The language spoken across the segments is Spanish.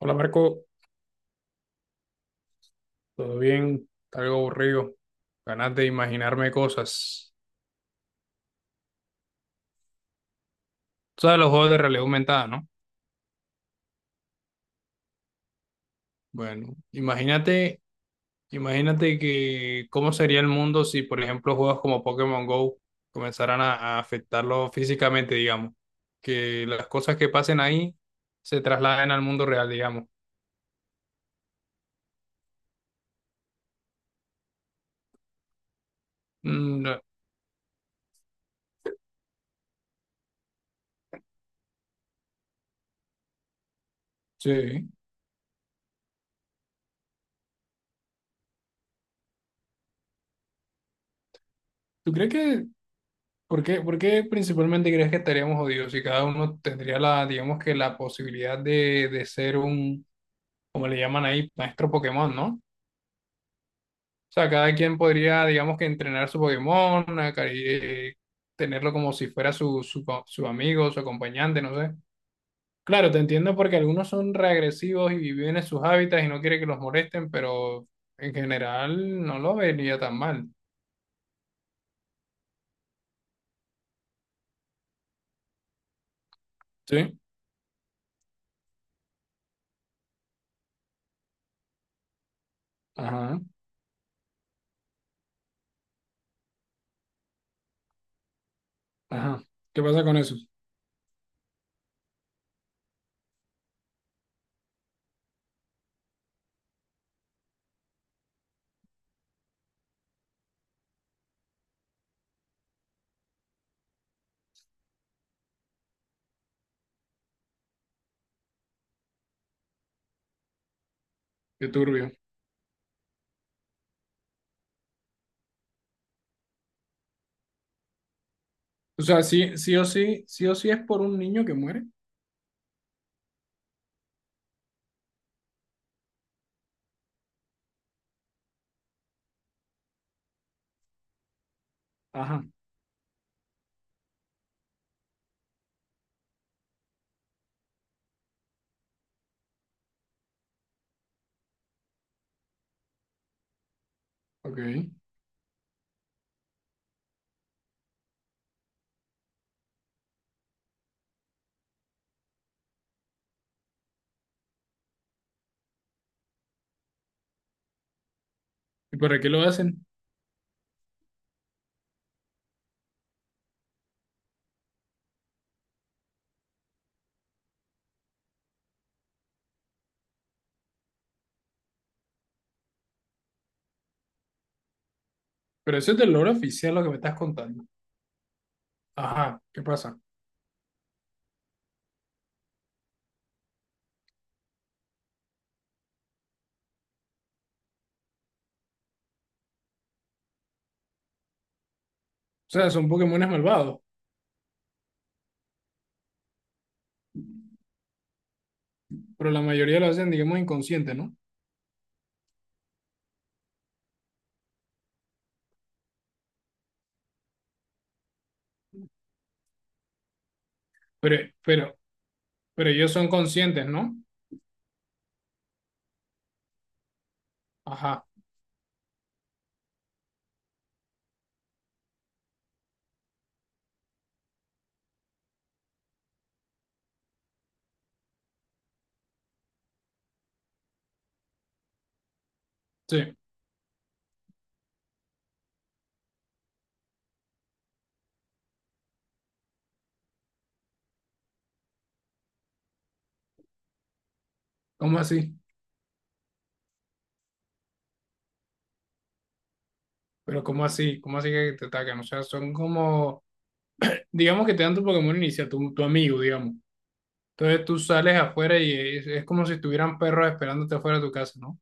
Hola Marco, ¿todo bien? Está algo aburrido. Ganas de imaginarme cosas. Tú sabes los juegos de realidad aumentada, ¿no? Bueno, imagínate que cómo sería el mundo si, por ejemplo, juegos como Pokémon Go comenzaran a afectarlo físicamente, digamos. Que las cosas que pasen ahí se trasladen al mundo real, digamos. Mm, no, sí. ¿Tú crees que, por qué principalmente crees que estaríamos jodidos si cada uno tendría la, digamos que la posibilidad de ser un como le llaman ahí, maestro Pokémon, ¿no? O sea, cada quien podría, digamos que entrenar su Pokémon, tenerlo como si fuera su su amigo, su acompañante, no sé. Claro, te entiendo porque algunos son reagresivos y viven en sus hábitats y no quiere que los molesten, pero en general no lo vería tan mal. Sí, ajá, ajá. ¿Qué pasa con eso? Qué turbio. O sea, sí, sí o sí, sí o sí es por un niño que muere. Ajá, ok. ¿Y por qué lo hacen? Pero eso es del lore oficial lo que me estás contando. Ajá, ¿qué pasa? O sea, son Pokémones malvados, pero la mayoría lo hacen, digamos, inconsciente, ¿no? Pero, pero, pero ellos son conscientes, ¿no? Ajá, sí. ¿Cómo así? Pero ¿cómo así? ¿Cómo así que te atacan? O sea, son como, digamos que te dan tu Pokémon inicial, tu amigo, digamos. Entonces tú sales afuera y es como si estuvieran perros esperándote afuera de tu casa, ¿no?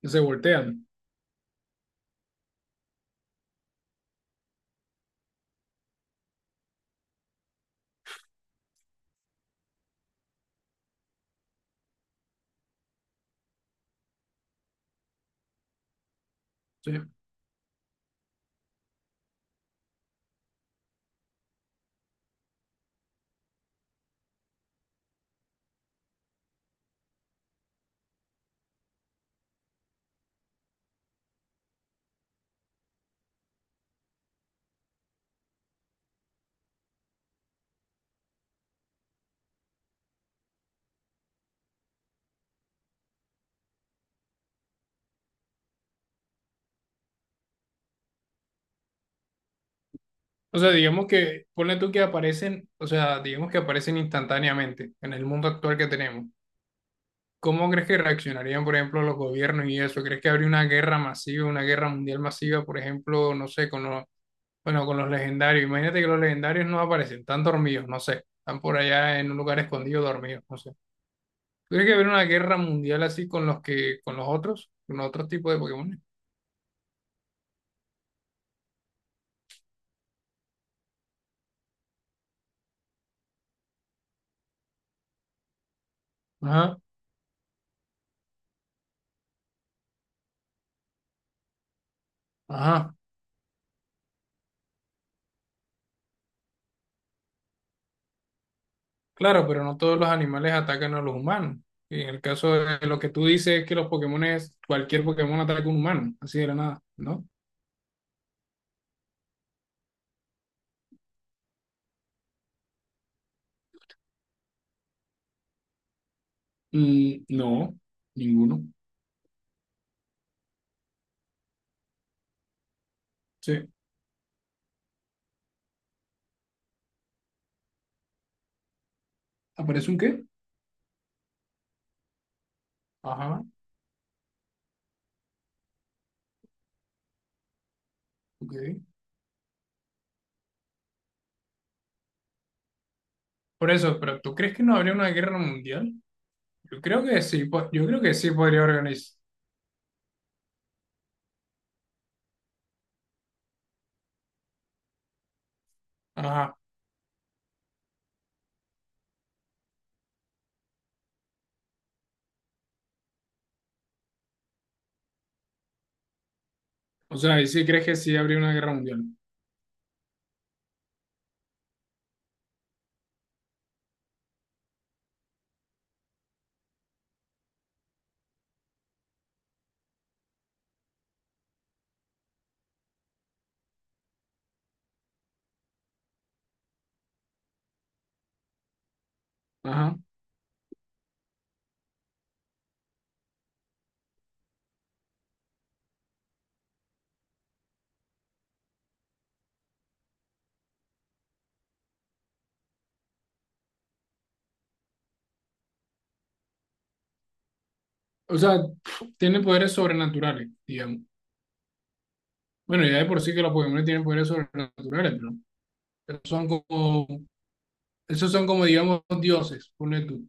Y se voltean. Sí. O sea, digamos que, ponle tú que aparecen, o sea, digamos que aparecen instantáneamente en el mundo actual que tenemos. ¿Cómo crees que reaccionarían, por ejemplo, los gobiernos y eso? ¿Crees que habría una guerra masiva, una guerra mundial masiva, por ejemplo, no sé, con los, bueno, con los legendarios? Imagínate que los legendarios no aparecen, están dormidos, no sé, están por allá en un lugar escondido dormidos, no sé. ¿Tú ¿crees que habría una guerra mundial así con los que, con los otros tipos de Pokémon? Ajá, ajá. Claro, pero no todos los animales atacan a los humanos. Y en el caso de lo que tú dices es que los Pokémon cualquier Pokémon ataca a un humano, así de la nada, ¿no? Mm, no, ninguno. Sí. ¿Aparece un qué? Ajá. Ok. Por eso, pero ¿tú crees que no habría una guerra mundial? Yo creo que sí, yo creo que sí podría organizar. Ajá. O sea, ¿y sí crees que sí habría una guerra mundial? Ajá. O sea, tiene poderes sobrenaturales, digamos. Bueno, ya de por sí que los Pokémon tienen poderes sobrenaturales, pero esos son como, digamos, dioses, ponle tú.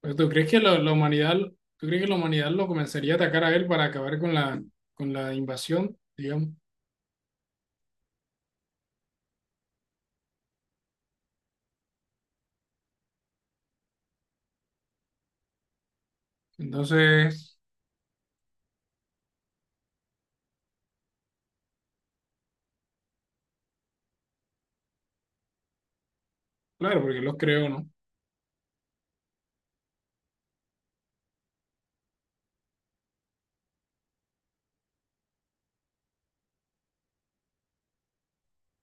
Pero ¿tú crees que la humanidad, tú crees que la humanidad lo comenzaría a atacar a él para acabar con la invasión, digamos? Entonces... Claro, porque los creo, ¿no?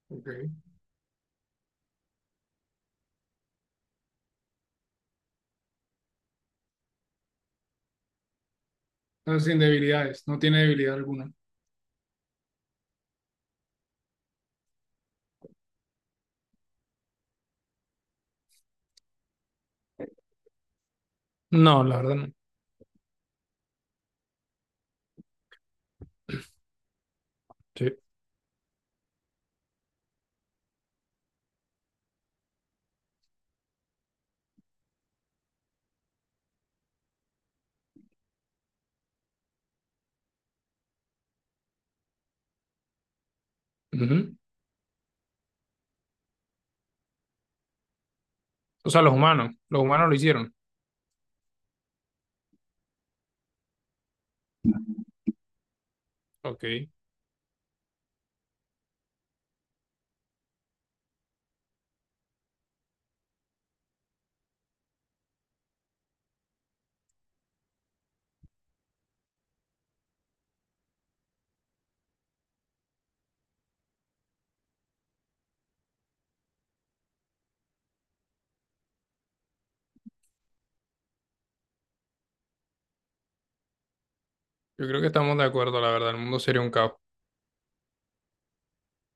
Ok. Entonces, sin debilidades, no tiene debilidad alguna. No, la verdad no. Sí. Ujú. O sea, los humanos lo hicieron. Ok. Yo creo que estamos de acuerdo, la verdad, el mundo sería un caos.